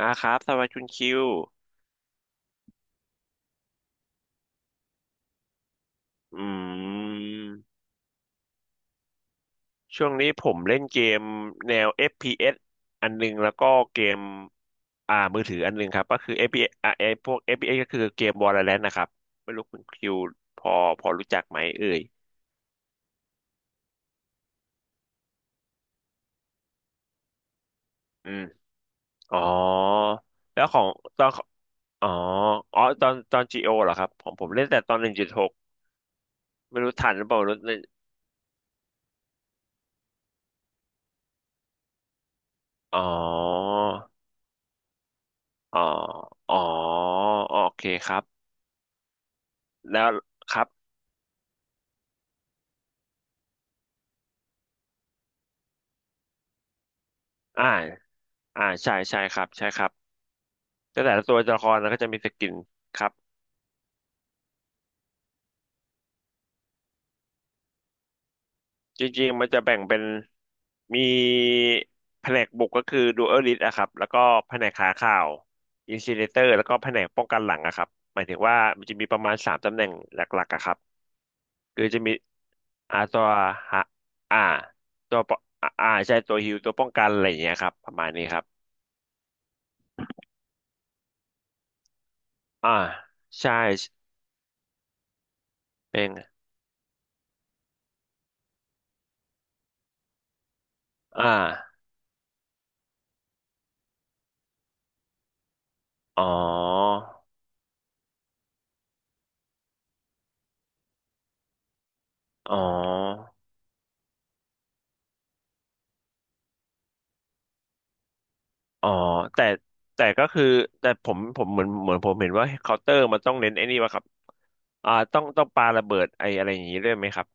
นะครับสวัสดีคุณคิวอืมช่วงนี้ผมเล่นเกมแนว FPS อฟพีเอสอันหนึงแล้วก็เกมมือถืออันหนึงครับก็คือเอฟพีเอสไอพวก FPS ก็คือเกม Valorant นะครับไม่รู้คุณคิวพอพอรู้จักไหมเอ่ยอืมอ๋อแล้วของตอนอ๋ออ๋อตอน GO เหรอครับผมเล่นแต่ตอน1.6ไม่รู้ทันหรือเปล่ารู้เลยอ๋ออ๋ออ๋อโอเคครับแล้วครับอ่า ใช่ใช่ครับใช่ครับแต่แต่ละตัวละครแล้วก็จะมีสกินครับจริงๆมันจะแบ่งเป็นมีแผนกบุกก็คือดูเออริสอะครับแล้วก็แผนกหาข่าวอินซิเลเตอร์แล้วก็แผนกป้องกันหลังอะครับหมายถึงว่ามันจะมีประมาณสามตำแหน่งหลักๆอะครับคือจะมีตัวหาอ่าตัวปใช่ตัวฮิลตัวป้องกันอะไรอย่างเงี้ยครับประมาณนี้ครับอ่าใช่เป็นอ่าอ๋ออ๋อ อ๋อแต่แต่ก็คือแต่ผมเหมือนผมเห็นว่าเคาน์เตอร์มันต้องเน้นไอ้นี่วะครับต้องปาระเบิดไออะไรอย่างนี้ด้วยไหมครับ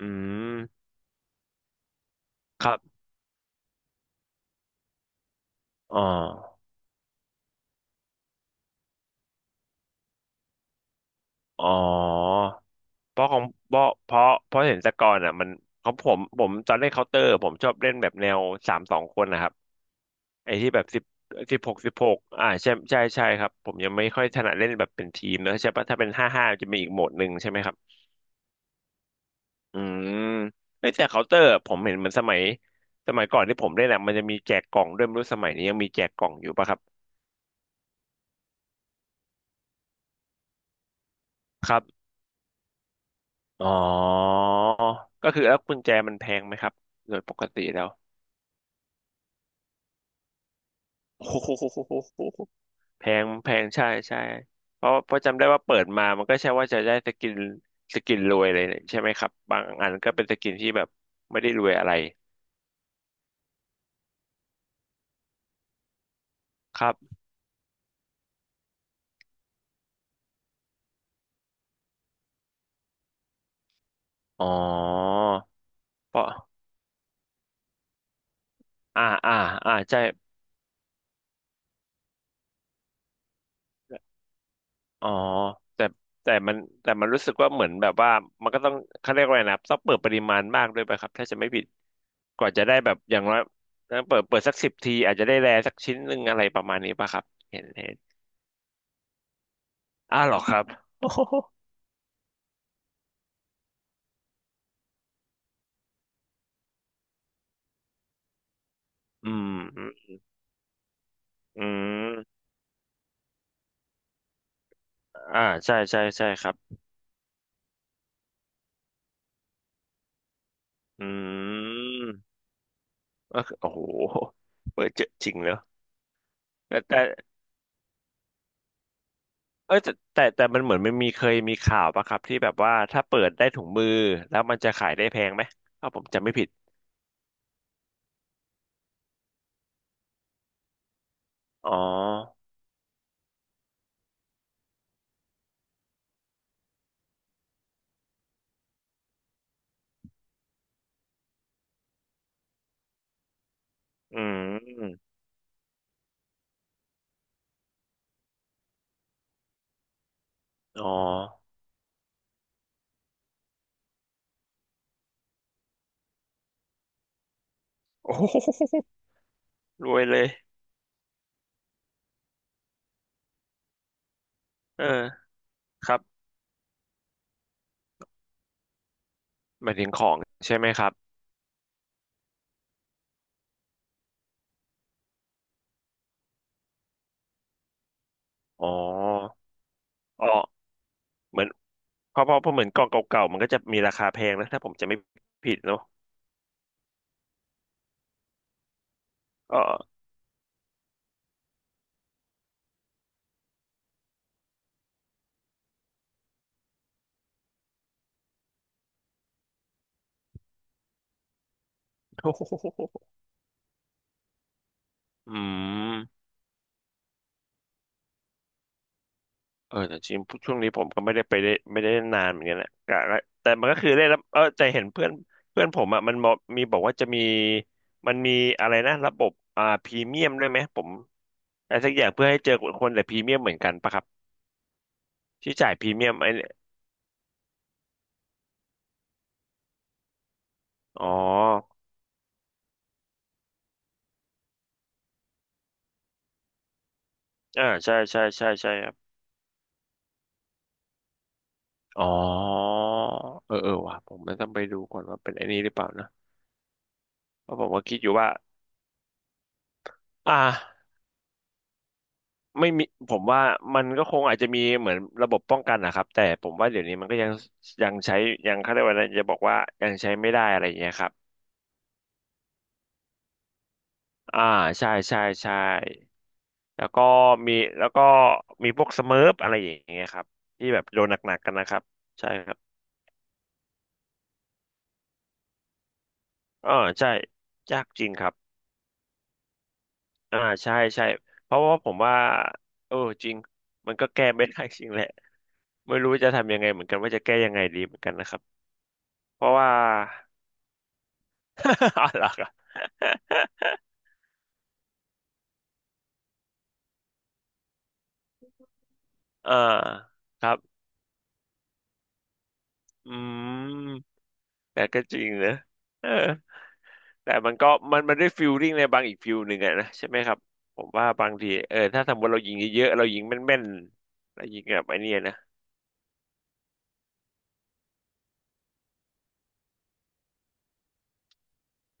อืมครับอ๋ออ๋อเพราะของเพราะเห็นแต่ก่อนอ่ะมันของผมตอนเล่นเคาน์เตอร์ผมชอบเล่นแบบแนวสามสองคนนะครับไอ้ที่แบบสิบหกอ่าใช่ใช่ใช่ครับผมยังไม่ค่อยถนัดเล่นแบบเป็นทีมนะใช่ปะถ้าเป็นห้าจะมีอีกโหมดหนึ่งใช่ไหมครับ อืมไอ้ยแต่เคาน์เตอร์ผมเห็นเหมือนสมัยก่อนที่ผมเล่นอะมันจะมีแจกกล่องด้วยไม่รู้สมัยนี้ยังมีแจกกล่องอยู่ปะครับครับอ๋อก็คือแล้วกุญแจมันแพงไหมครับโดยปกติแล้วโอ้โหแพงแพงใช่ใช่เพราะจำได้ว่าเปิดมามันก็ใช่ว่าจะได้สกินสกินรวยเลยใช่ไหมครับบางอันก็เป็นสกินที่แบบไม่ได้รวยอะไรครับอ๋อเพราะอ่าอ่าอ่าใช่ อ๋อแต่แต่มันแต่มันรู้สึกว่าเหมือนแบบว่ามันก็ต้องเขาเรียกว่าไงนะต้องเปิดปริมาณมากด้วยไปครับถ้าจะไม่ผิดกว่าจะได้แบบอย่างน้อยเปิดสักสิบทีอาจจะได้แรสักชิ้นหนึ่งอะไรประมาณนี้ป่ะครับเห็นเห็นอ้าวเหรอครับโอโหอืมอืมอืมอ่าใช่ใช่ใช่ครับอืมก็คือโอ้โหเปิดเจอะจริงเนอะแต่แต่เอยแต่แต่มันเหมือนมันมีเคยมีข่าวป่ะครับที่แบบว่าถ้าเปิดได้ถุงมือแล้วมันจะขายได้แพงไหมถ้าผมจำไม่ผิด อ๋ออืมอ๋อ โอ้โห รวยเลย เออ ครับหมายถึงของใช่ไหมครับ อ๋ออ๋อเหมือน เพราะเหมือนกล่องเก่าๆมันก็จะมีราคาแพงนะถ้าผมจะไม่ผิดเนอะอ๋ อโอ้โหอืม เออแต่จริงช่วงนี้ผมก็ไม่ได้ไปได้ไม่ได้เล่นนานเหมือนกันแหละกะละแต่มันก็คือเล่นแล้วเออแต่เห็นเพื่อนเพื่อนผมอ่ะมันบอกมีบอกว่าจะมีมันมีอะไรนะระบบพรีเมียมด้วยไหมผมอะไรสักอย่างเพื่อให้เจอคนแต่พรีเมียมเหมือนกันปะครับที่จ่ายพรีเมียมไอ้เนี่ยอ๋ออ่าใช่ใช่ใช่ใช่ครับอ๋อเออเออว่ะผมไม่ต้องไปดูก่อนว่าเป็นไอ้นี้หรือเปล่านะเพราะผมก็คิดอยู่ว่าอ่า ไม่มีผมว่ามันก็คงอาจจะมีเหมือนระบบป้องกันนะครับแต่ผมว่าเดี๋ยวนี้มันก็ยังยังใช้ยังเขาเรียกว่าอะไรจะบอกว่ายังใช้ไม่ได้อะไรอย่างเงี้ยครับอ่าใช่ใช่ใช่แล้วก็มีแล้วก็พวกสเมิร์ฟอะไรอย่างเงี้ยครับที่แบบโดนหนักๆกันนะครับใช่ครับอ่าใช่ยากจริงครับอ่าใช่ใช่เพราะว่าผมว่าเออจริงมันก็แก้ไม่ได้จริงแหละไม่รู้จะทำยังไงเหมือนกันว่าจะแก้ยังไงดีเหมือนกันนะครับเพราะว่า อ๋อเหรอครับเออครับอืมแต่ก็จริงนะเออแต่มันก็มันมันได้ฟิลลิ่งในบางอีกฟิลหนึ่งอะนะใช่ไหมครับ ผมว่าบางทีเออถ้าสมมติเรายิงเยอะๆเรายิงแม่นๆเรายิงแบบไอ้เนี่ยนะ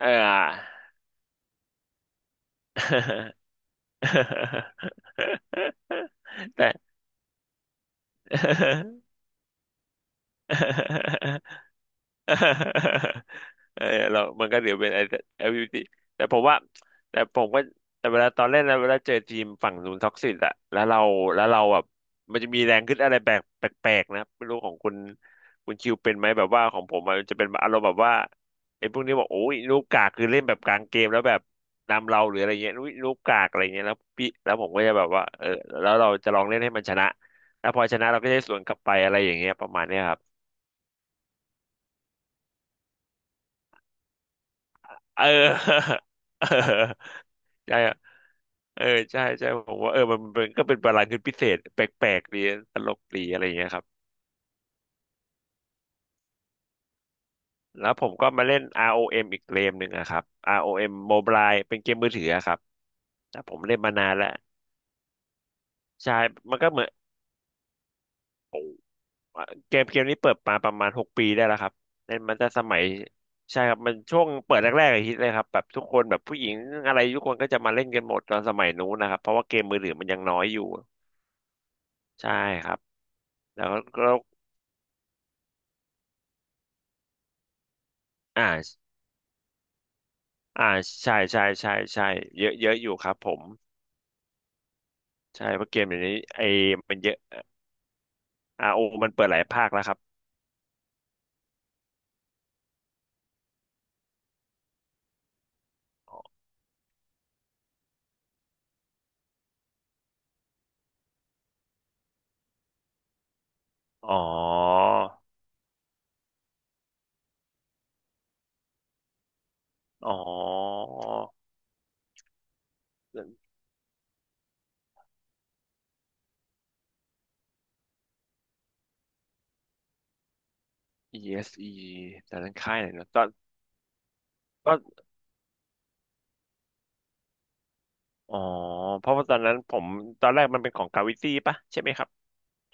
เออ แต่ เออเรามันก็เดี๋ยวเป็นไอ้ LGBT แต่ผมว่าแต่ผมก็แต่เวลาตอนเล่นแล้วเวลาเจอทีมฝั่งนู้นท็อกซิตอะแล้วเราแบบมันจะมีแรงขึ้นอะไรแปลกๆนะไม่รู้ของคุณคิวเป็นไหมแบบว่าของผมมันจะเป็นอารมณ์แบบว่าไอ้พวกนี้บอกโอ้ยลูกกากคือเล่นแบบกลางเกมแล้วแบบนำเราหรืออะไรเงี้ยลูกกากอะไรเงี้ยแล้วผมก็จะแบบว่าเออแล้วเราจะลองเล่นให้มันชนะแล้วพอชนะเราก็จะได้สวนกลับไปอะไรอย่างเงี้ยประมาณเนี้ยครับ เออ เออใช่อะเออใช่ใช่ผมว่าเออมันก็เป็นบาลานซ์พิเศษแปลกๆดีตลกดีอะไรอย่างเงี้ยครับแล้วผมก็มาเล่น ROM อเอ็มอีกเกมหนึ่งอะครับ ROM Mobile เป็นเกมมือถืออะครับแต่ผมเล่นมานานแล้วใช่มันก็เหมือนโอ้เกมนี้เปิดมาประมาณ6 ปีได้แล้วครับเล่นมันจะสมัยใช่ครับมันช่วงเปิดแรกๆอะฮิตเลยครับแบบทุกคนแบบผู้หญิงอะไรทุกคนก็จะมาเล่นกันหมดตอนสมัยนู้นนะครับเพราะว่าเกมมือถือมันยังน้อยอยู่ใช่ครับ แล้วก็อ่าอ่าใช่ใช่ใช่ใช่เยอะเยอะอยู่ครับผมใช่เพราะเกมอย่างนี้ไอ้มันเยอะอาโอมันเปิดหลายภาคแล้วครับอ๋ออ๋อ ESE แต่นนั้นค่ายไหนเนอะตอนก็อ๋อเพราะว่าตอนนั้นผมตอนแรกมันเป็นของเกาหลีปะใช่ไหมครับ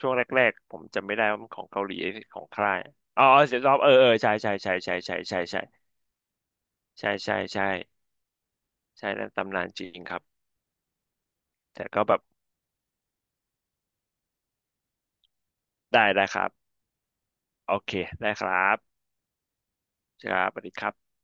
ช่วงแรกๆผมจำไม่ได้ว่ามันของเกาหลีหรือของค่ายอ๋อเสียรอบเออเออใช่ใช่ใช่ใช่ใช่ใช่ใช่ใช่ใช่ใช่ใช่ใช่นั่นตำนานจริงครับแต่ก็แบบ ได้ได้ครับโอเคได้ครับครับสวัสดีครับ